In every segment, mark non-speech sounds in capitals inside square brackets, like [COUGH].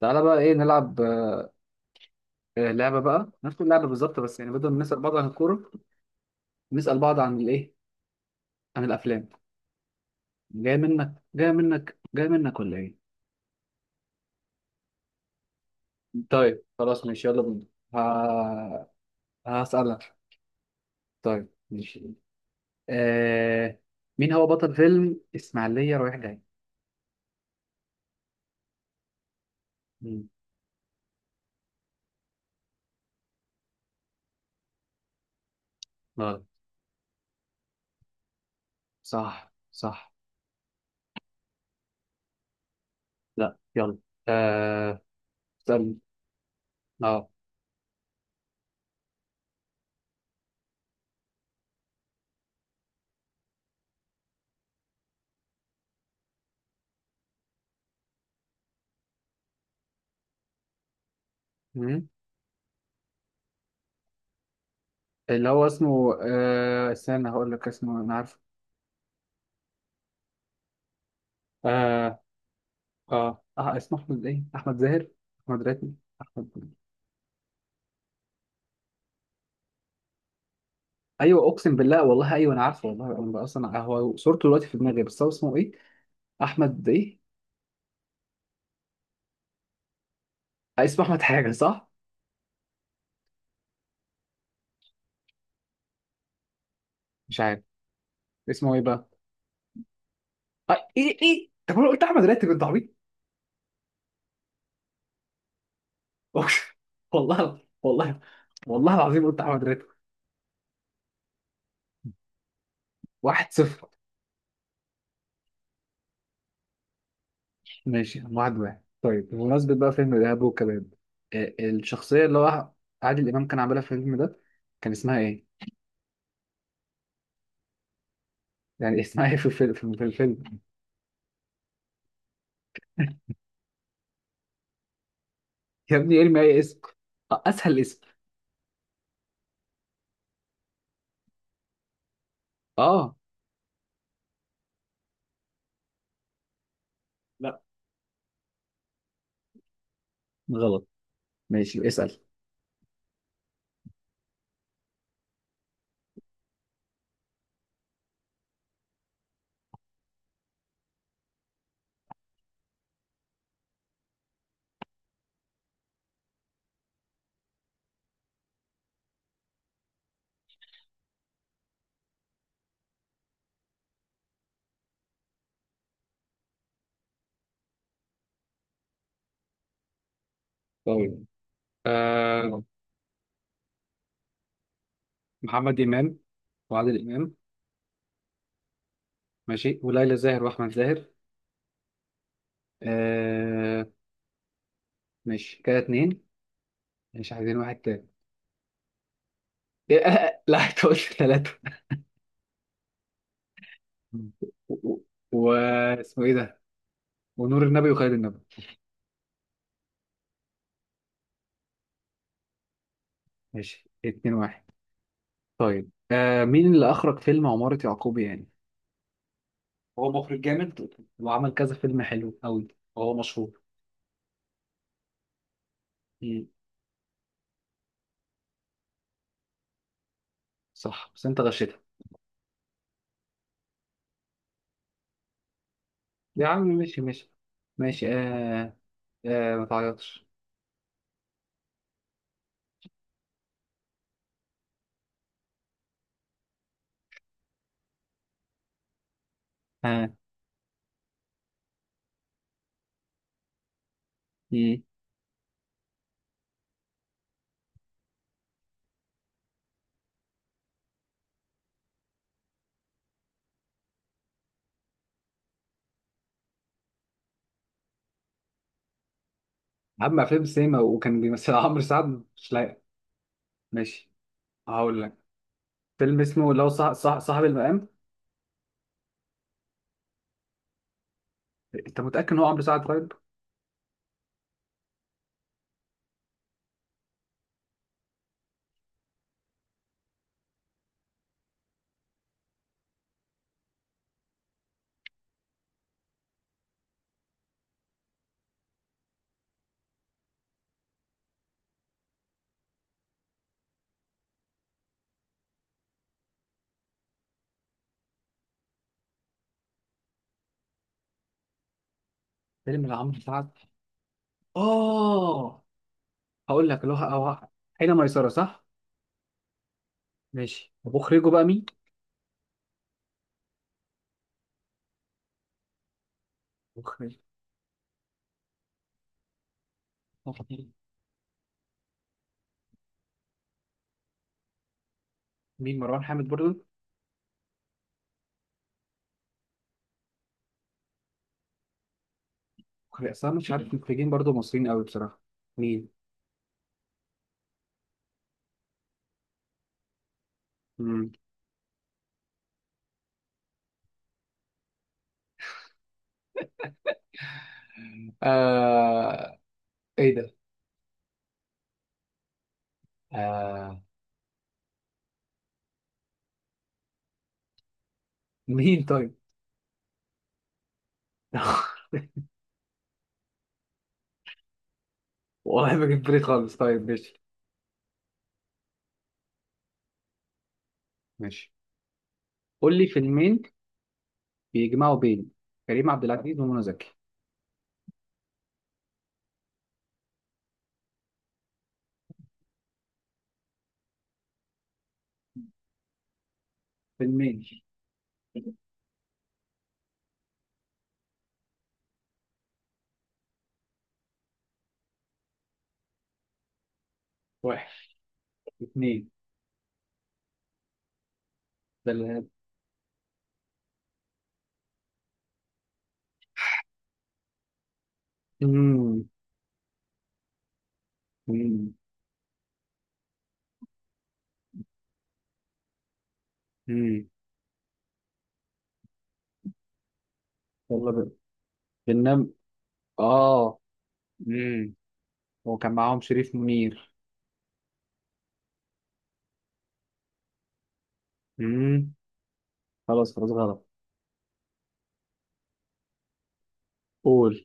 تعالى بقى ايه نلعب. لعبه بقى نفس اللعبه بالظبط بس يعني بدل ما نسال بعض عن الكوره، نسال بعض عن الايه، عن الافلام. جاي منك جاي منك جاي منك ولا ايه؟ طيب خلاص ماشي يلا بينا. ه... هسألك. طيب ماشي. آه... مين هو بطل فيلم إسماعيلية رايح جاي؟ مم. غلط. صح صح. لا يلا. آه... استنى. اه. مم. اللي هو اسمه استنى هقول لك اسمه انا عارفه. آه... اه اسمه احمد ايه، احمد زاهر، احمد راتب، احمد. ايوه اقسم بالله والله، ايوه انا عارفه والله، انا بقى اصلا هو صورته دلوقتي في دماغي بس هو اسمه ايه؟ احمد ايه؟ اسمه احمد حاجه صح. مش عارف اسمه ايه بقى. ايه ايه، طب انا قلت احمد راتب انت عبيط. [LAUGHS] والله والله. والله العظيم قلت احمد راتب. واحد صفر. ماشي واحد واحد. طيب بمناسبة بقى فيلم الإرهاب والكباب، الشخصية اللي هو عادل إمام كان عاملها في الفيلم ده، كان اسمها ايه؟ يعني [LAUGHS] اسمها ايه في الفيلم. يا ابني ارمي اي اسم، اسهل اسم. اه. لا. غلط. ماشي اسال. طيب آه محمد امام وعادل امام. ماشي وليلى زاهر واحمد زاهر. آه. ماشي كده اتنين، مش عايزين واحد تاني؟ [LAUGHS] إيه، آه، لا انت قلت ثلاثة. و- و- واسمه ايه ده، ونور النبي وخالد النبي. ماشي اتنين واحد. طيب مين اللي اخرج فيلم عمارة يعقوبيان؟ هو مخرج جامد وعمل كذا فيلم حلو قوي، وهو مشهور. صح بس انت غشيتها. يا عم ماشي ماشي ماشي. ما تعيطش. ها. مم. عم افلام السينما وكان بيمثل [LAUGHS] عمرو سعد مش لايق. ماشي هقول لك فيلم اسمه لو صح، صح صاحب المقام. انت متاكد ان هو عمرو سعد؟ طيب. فيلم لعمرو سعد. اه. هقول لك اللي هو هو- حين ميسره، صح؟ ماشي طب مخرجه بقى مين؟ مخرج مخرج. مين، مروان حامد برضه؟ مخرج اصلا مش عارف مخرجين برضه مصريين قوي بصراحه. مين؟ مم. آه... ايه ده؟ آه. مين طيب؟ [LAUGHS] والله ما جيب بالي خالص. طيب ماشي ماشي. قول لي فيلمين بيجمعوا بين كريم عبد العزيز ومنى زكي. فيلمين. واحد، اثنين، ثلاثة. امم امم امم يلا بقى بننام. اه. امم هو كان معاهم شريف منير. امم خلاص خلاص غلط. قول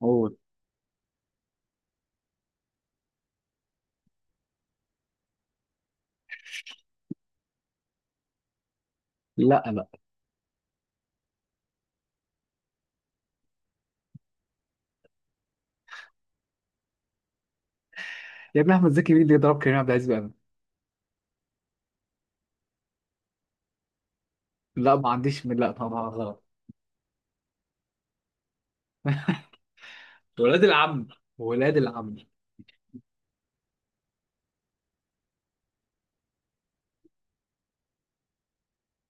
قول. لا بقى، يا ابني احمد زكي مين اللي يضرب كريم عبد العزيز بقى؟ لا ما عنديش من، لا طبعا غلط. [LAUGHS] ولاد العم، ولاد العم.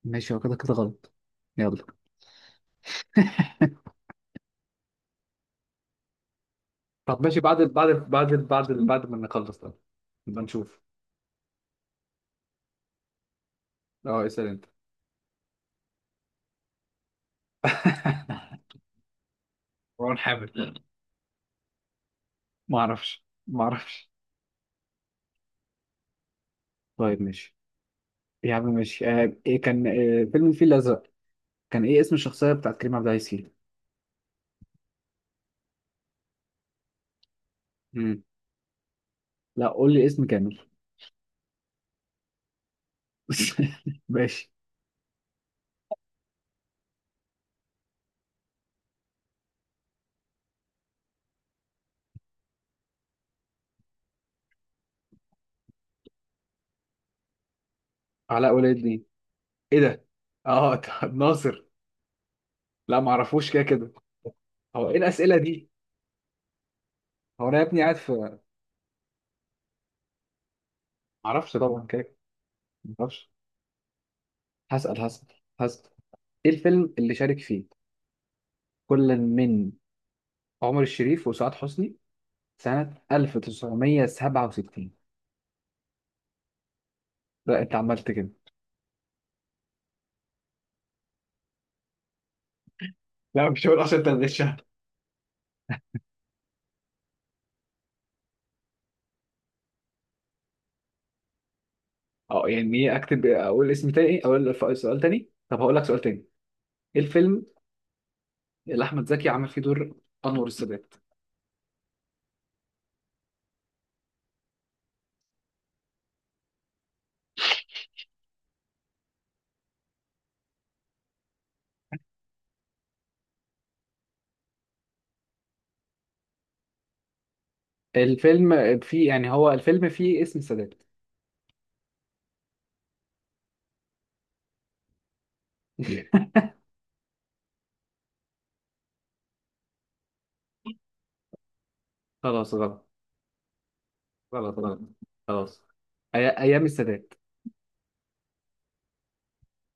ماشي هو كده كده غلط. يلا. [LAUGHS] طب ماشي بعد ما نخلص ده نبقى نشوف. اه اسال انت. [LAUGHS] مروان حامد. ما اعرفش ما اعرفش. طيب ماشي. يا عم ماشي ايه كان فيلم الفيل الازرق، كان ايه اسم الشخصيه بتاعت كريم عبد العزيز فيه؟ امم لا قول لي اسم كامل. [LAUGHS] ماشي. علاء ولي الدين. ايه ده؟ اه [LAUGHS] طب ناصر. لا ما اعرفوش كده كده. هو ايه الاسئله دي؟ هو انا يا ابني قاعد في، ما اعرفش طبعا كده كده. ما اعرفش. هسأل هسأل هسأل. إيه الفيلم اللي شارك فيه كل من عمر الشريف وسعاد حسني سنة 1967؟ لا أنت عملت كده. لا مش هقول، اصلا انت غشها. يعني إيه أكتب، أقول اسم تاني، أقول سؤال تاني. طب هقول لك سؤال تاني. إيه الفيلم اللي أحمد زكي عمل فيه دور أنور السادات؟ الفيلم فيه، يعني هو الفيلم فيه اسم السادات. [LAUGHS] خلاص غلط غلط غلط خلاص. أيام السادات.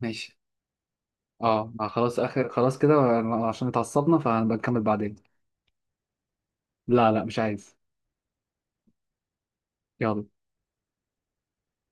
ماشي. خلاص اخر خلاص كده عشان اتعصبنا فهنبقى نكمل بعدين. لا لا مش عايز. يلا.